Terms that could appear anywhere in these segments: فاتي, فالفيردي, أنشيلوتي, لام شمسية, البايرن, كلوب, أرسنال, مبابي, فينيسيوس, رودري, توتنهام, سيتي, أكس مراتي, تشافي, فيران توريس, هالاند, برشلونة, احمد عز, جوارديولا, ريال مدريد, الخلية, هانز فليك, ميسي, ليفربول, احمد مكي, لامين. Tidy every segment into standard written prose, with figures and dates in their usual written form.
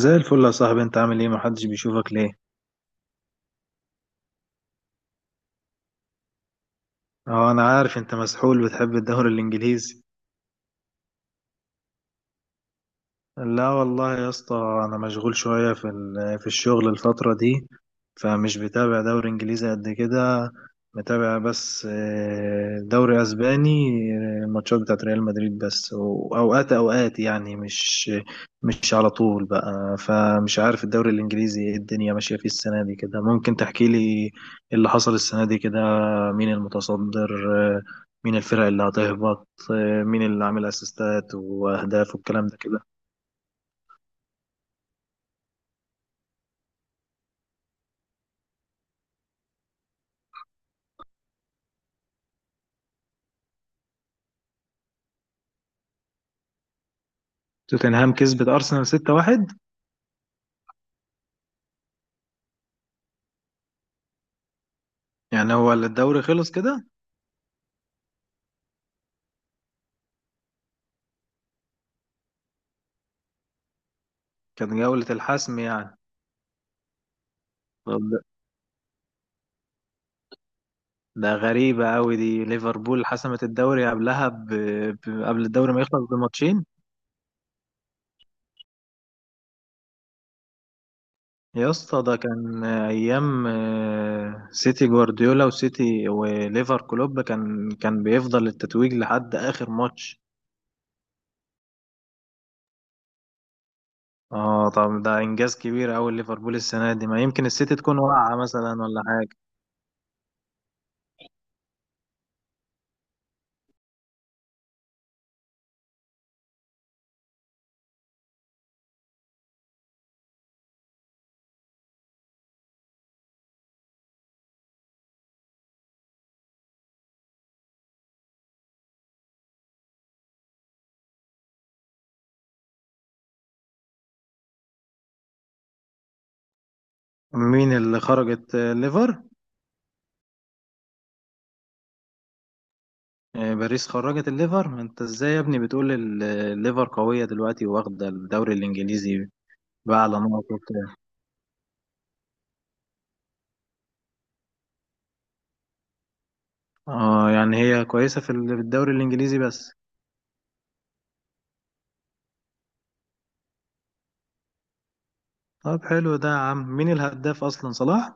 زي الفل يا صاحبي، انت عامل ايه؟ محدش بيشوفك ليه؟ اه انا عارف، انت مسحول بتحب الدوري الانجليزي. لا والله يا اسطى، انا مشغول شويه في في الشغل الفتره دي، فمش بتابع دوري انجليزي قد كده. متابع بس دوري اسباني. الماتشات بتاعت ريال مدريد بس، واوقات يعني مش على طول بقى. فمش عارف الدوري الانجليزي ايه الدنيا ماشيه فيه السنه دي كده. ممكن تحكي لي إيه اللي حصل السنه دي كده؟ مين المتصدر؟ آه، مين الفرق اللي هتهبط؟ مين اللي عامل اسيستات واهداف والكلام ده كده؟ توتنهام كسبت أرسنال 6-1؟ يعني هو الدوري خلص كده؟ كان جولة الحسم يعني؟ طب ده غريبة أوي دي، ليفربول حسمت الدوري قبل الدوري ما يخلص بماتشين. يا اسطى، ده كان أيام سيتي جوارديولا، وسيتي وليفر كلوب كان بيفضل التتويج لحد آخر ماتش. اه طب ده إنجاز كبير أوي ليفربول السنة دي. ما يمكن السيتي تكون واقعة مثلا ولا حاجة. مين اللي خرجت؟ ليفر؟ باريس خرجت الليفر؟ ما انت ازاي يا ابني بتقول الليفر قوية دلوقتي واخدة الدوري الانجليزي بقى على نقط وبتاع. اه يعني هي كويسة في في الدوري الانجليزي بس. طب حلو ده يا عم. مين الهداف اصلا، صلاح؟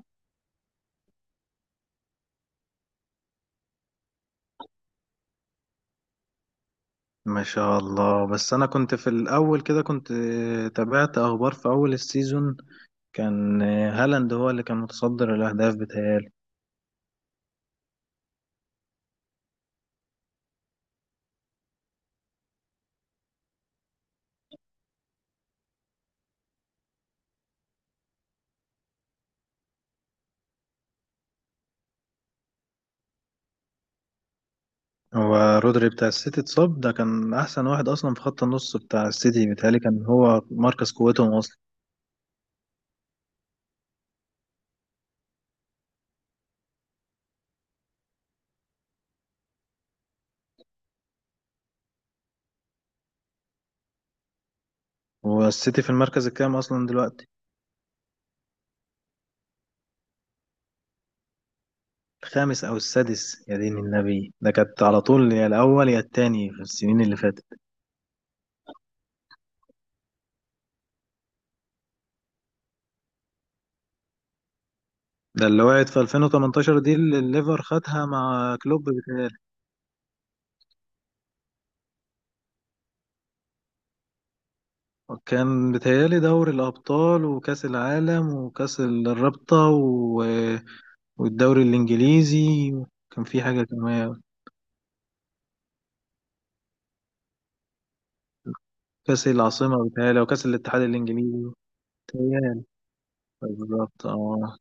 ما شاء الله. بس انا كنت في الاول كده كنت تابعت اخبار في اول السيزون. كان هالاند هو اللي كان متصدر الاهداف بتهيألي. هو رودري بتاع السيتي اتصاب؟ ده كان احسن واحد اصلا في خط النص بتاع السيتي بيتهيألي. كان هو مركز قوتهم اصلا. هو السيتي في المركز الكام اصلا دلوقتي؟ الخامس او السادس؟ يا دين النبي، ده كانت على طول يا الاول يا التاني في السنين اللي فاتت. ده اللي وقعت في 2018 دي اللي الليفر خدها مع كلوب بتاعي. كان بيتهيألي دوري الابطال وكاس العالم وكاس الرابطة و... والدوري الانجليزي. كان في حاجة كمان، كاس العاصمة بيتهيألي وكاس الاتحاد الانجليزي. بيتهيألي. بالظبط اه.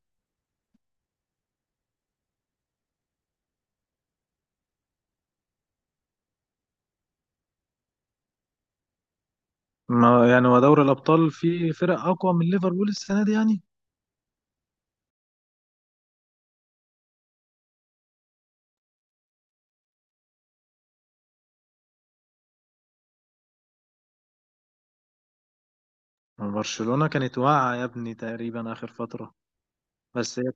ما يعني هو دوري الابطال فيه فرق اقوى من ليفربول السنة دي يعني؟ ما برشلونة كانت واقعة يا ابني تقريبا آخر فترة. بس هي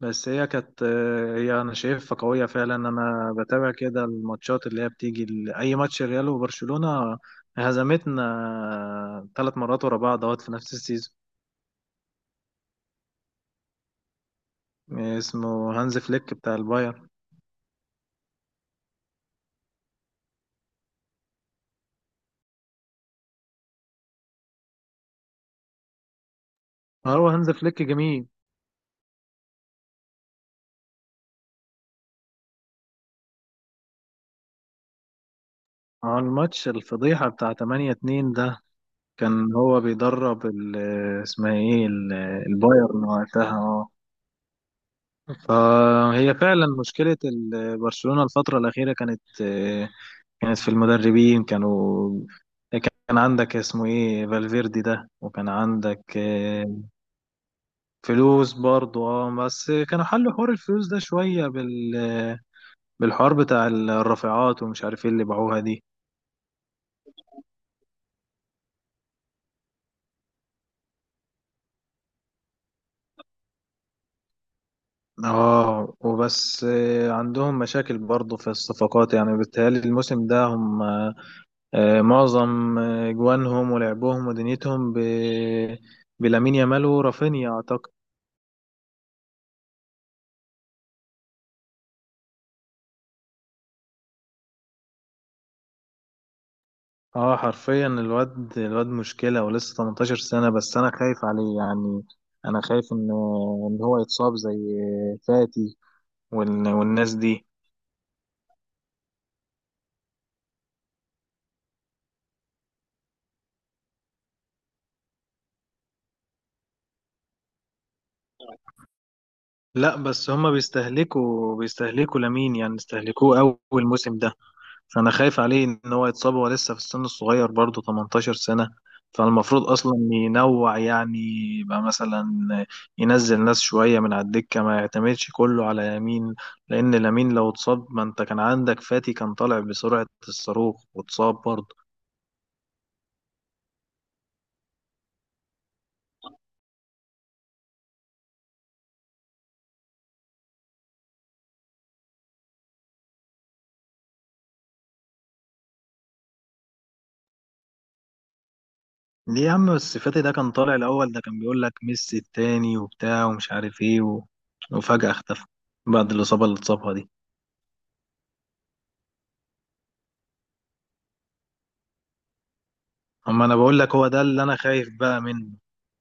بس هي كانت، هي أنا شايفها قوية فعلا. أنا بتابع كده الماتشات اللي هي بتيجي، أي ماتش ريال وبرشلونة. هزمتنا ثلاث مرات ورا بعض أهوت في نفس السيزون. اسمه هانز فليك بتاع البايرن. هو هانز فليك جميل. اه الماتش الفضيحة بتاع 8-2 ده، كان هو بيدرب اسمها ايه البايرن وقتها فهي فعلا مشكلة برشلونة الفترة الأخيرة كانت، كانت في المدربين كانوا، كان عندك اسمه ايه فالفيردي ده، وكان عندك فلوس برضه. اه بس كانوا حلوا حوار الفلوس ده شوية بال، بالحوار بتاع الرافعات ومش عارف ايه اللي باعوها دي. اه وبس عندهم مشاكل برضه في الصفقات يعني بالتهيألي الموسم ده هم معظم جوانهم ولعبهم ودنيتهم بلامين يامال ورافينيا اعتقد. اه حرفيا الواد مشكلة، ولسه 18 سنة بس. انا خايف عليه يعني. انا خايف ان هو يتصاب زي فاتي والناس دي. لا بس هما بيستهلكوا لامين، يعني استهلكوه قوي الموسم ده. انا خايف عليه ان هو يتصاب. هو لسه في السن الصغير برضه، 18 سنة. فالمفروض اصلا ينوع يعني، يبقى مثلا ينزل ناس شوية من على الدكة، ما يعتمدش كله على يمين. لان لامين لو اتصاب، ما انت كان عندك فاتي كان طالع بسرعة الصاروخ واتصاب برضه. ليه يا عم بس؟ فاتي ده كان طالع الاول، ده كان بيقول لك ميسي التاني وبتاع ومش عارف ايه، و... وفجأة اختفى بعد الإصابة اللي اتصابها دي. اما انا بقول لك هو ده اللي انا خايف بقى منه.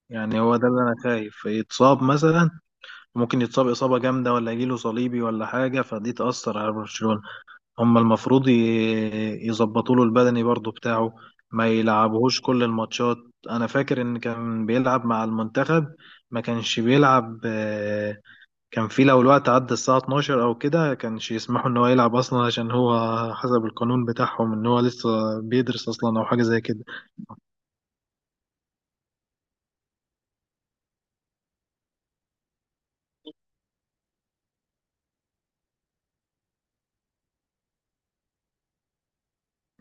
يعني هو ده اللي انا خايف يتصاب مثلا. ممكن يتصاب اصابه جامده ولا يجيله صليبي ولا حاجه، فدي تاثر على برشلونه. هم المفروض يظبطوا له البدني برضو بتاعه، ما يلعبهوش كل الماتشات. انا فاكر ان كان بيلعب مع المنتخب، ما كانش بيلعب كان في لو الوقت عدى الساعه 12 او كده كانش يسمحوا ان هو يلعب اصلا، عشان هو حسب القانون بتاعهم ان هو لسه بيدرس اصلا او حاجه زي كده.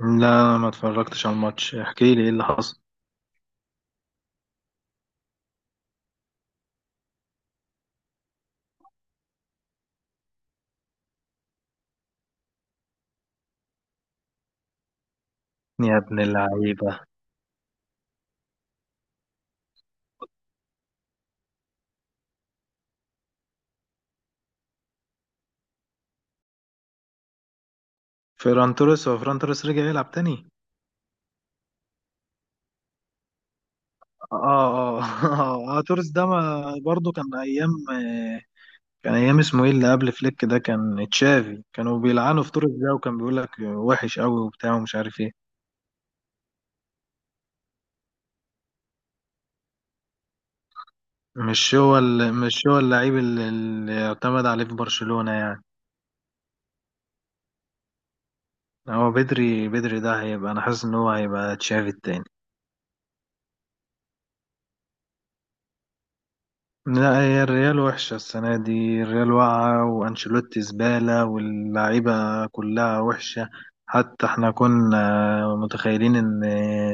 لا أنا ما اتفرجتش على الماتش، احكي لي ايه اللي حصل. يا ابن اللعيبة. فيران توريس؟ هو فيران توريس رجع يلعب تاني؟ اه توريس ده ما برضه كان ايام كان ايام اسمه ايه اللي قبل فليك ده، كان تشافي، كانوا بيلعنوا في توريس ده وكان بيقول لك وحش قوي وبتاع ومش عارف ايه. مش هو اللعيب اللي يعتمد عليه في برشلونة يعني؟ هو بدري ده هيبقى، انا حاسس ان هو هيبقى تشافي التاني. لا هي الريال وحشة السنة دي. الريال واقعة وأنشيلوتي زبالة واللعيبة كلها وحشة. حتى احنا كنا متخيلين ان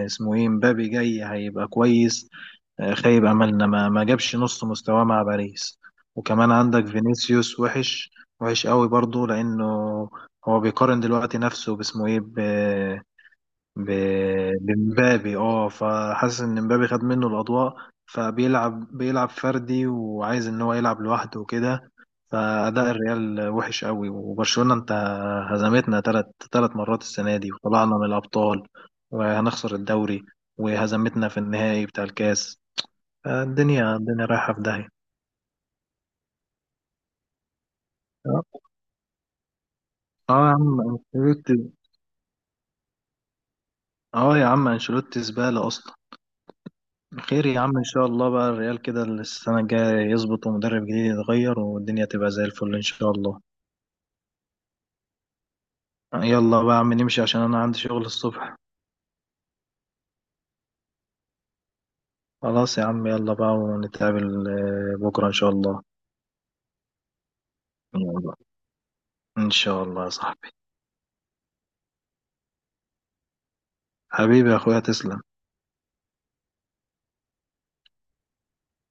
اسمه ايه مبابي جاي هيبقى كويس. خيب أملنا، ما جابش نص مستواه مع باريس. وكمان عندك فينيسيوس وحش، وحش قوي برضو، لأنه هو بيقارن دلوقتي نفسه باسمه ايه، بمبابي اه. فحاسس ان مبابي خد منه الاضواء، فبيلعب فردي وعايز ان هو يلعب لوحده وكده. فاداء الريال وحش قوي. وبرشلونة انت، هزمتنا ثلاث مرات السنة دي، وطلعنا من الابطال، وهنخسر الدوري، وهزمتنا في النهائي بتاع الكاس. الدنيا رايحة في داهية. اه آه يا عم انشيلوتي. اه يا عم انشيلوتي زبالة اصلا. خير يا عم، ان شاء الله بقى الريال كده السنه الجايه يظبط ومدرب جديد يتغير والدنيا تبقى زي الفل ان شاء الله. يلا بقى يا عم نمشي عشان انا عندي شغل الصبح. خلاص يا عم، يلا بقى، ونتقابل بكره ان شاء الله. يلا. ان شاء الله يا صاحبي. حبيبي يا اخويا، تسلم.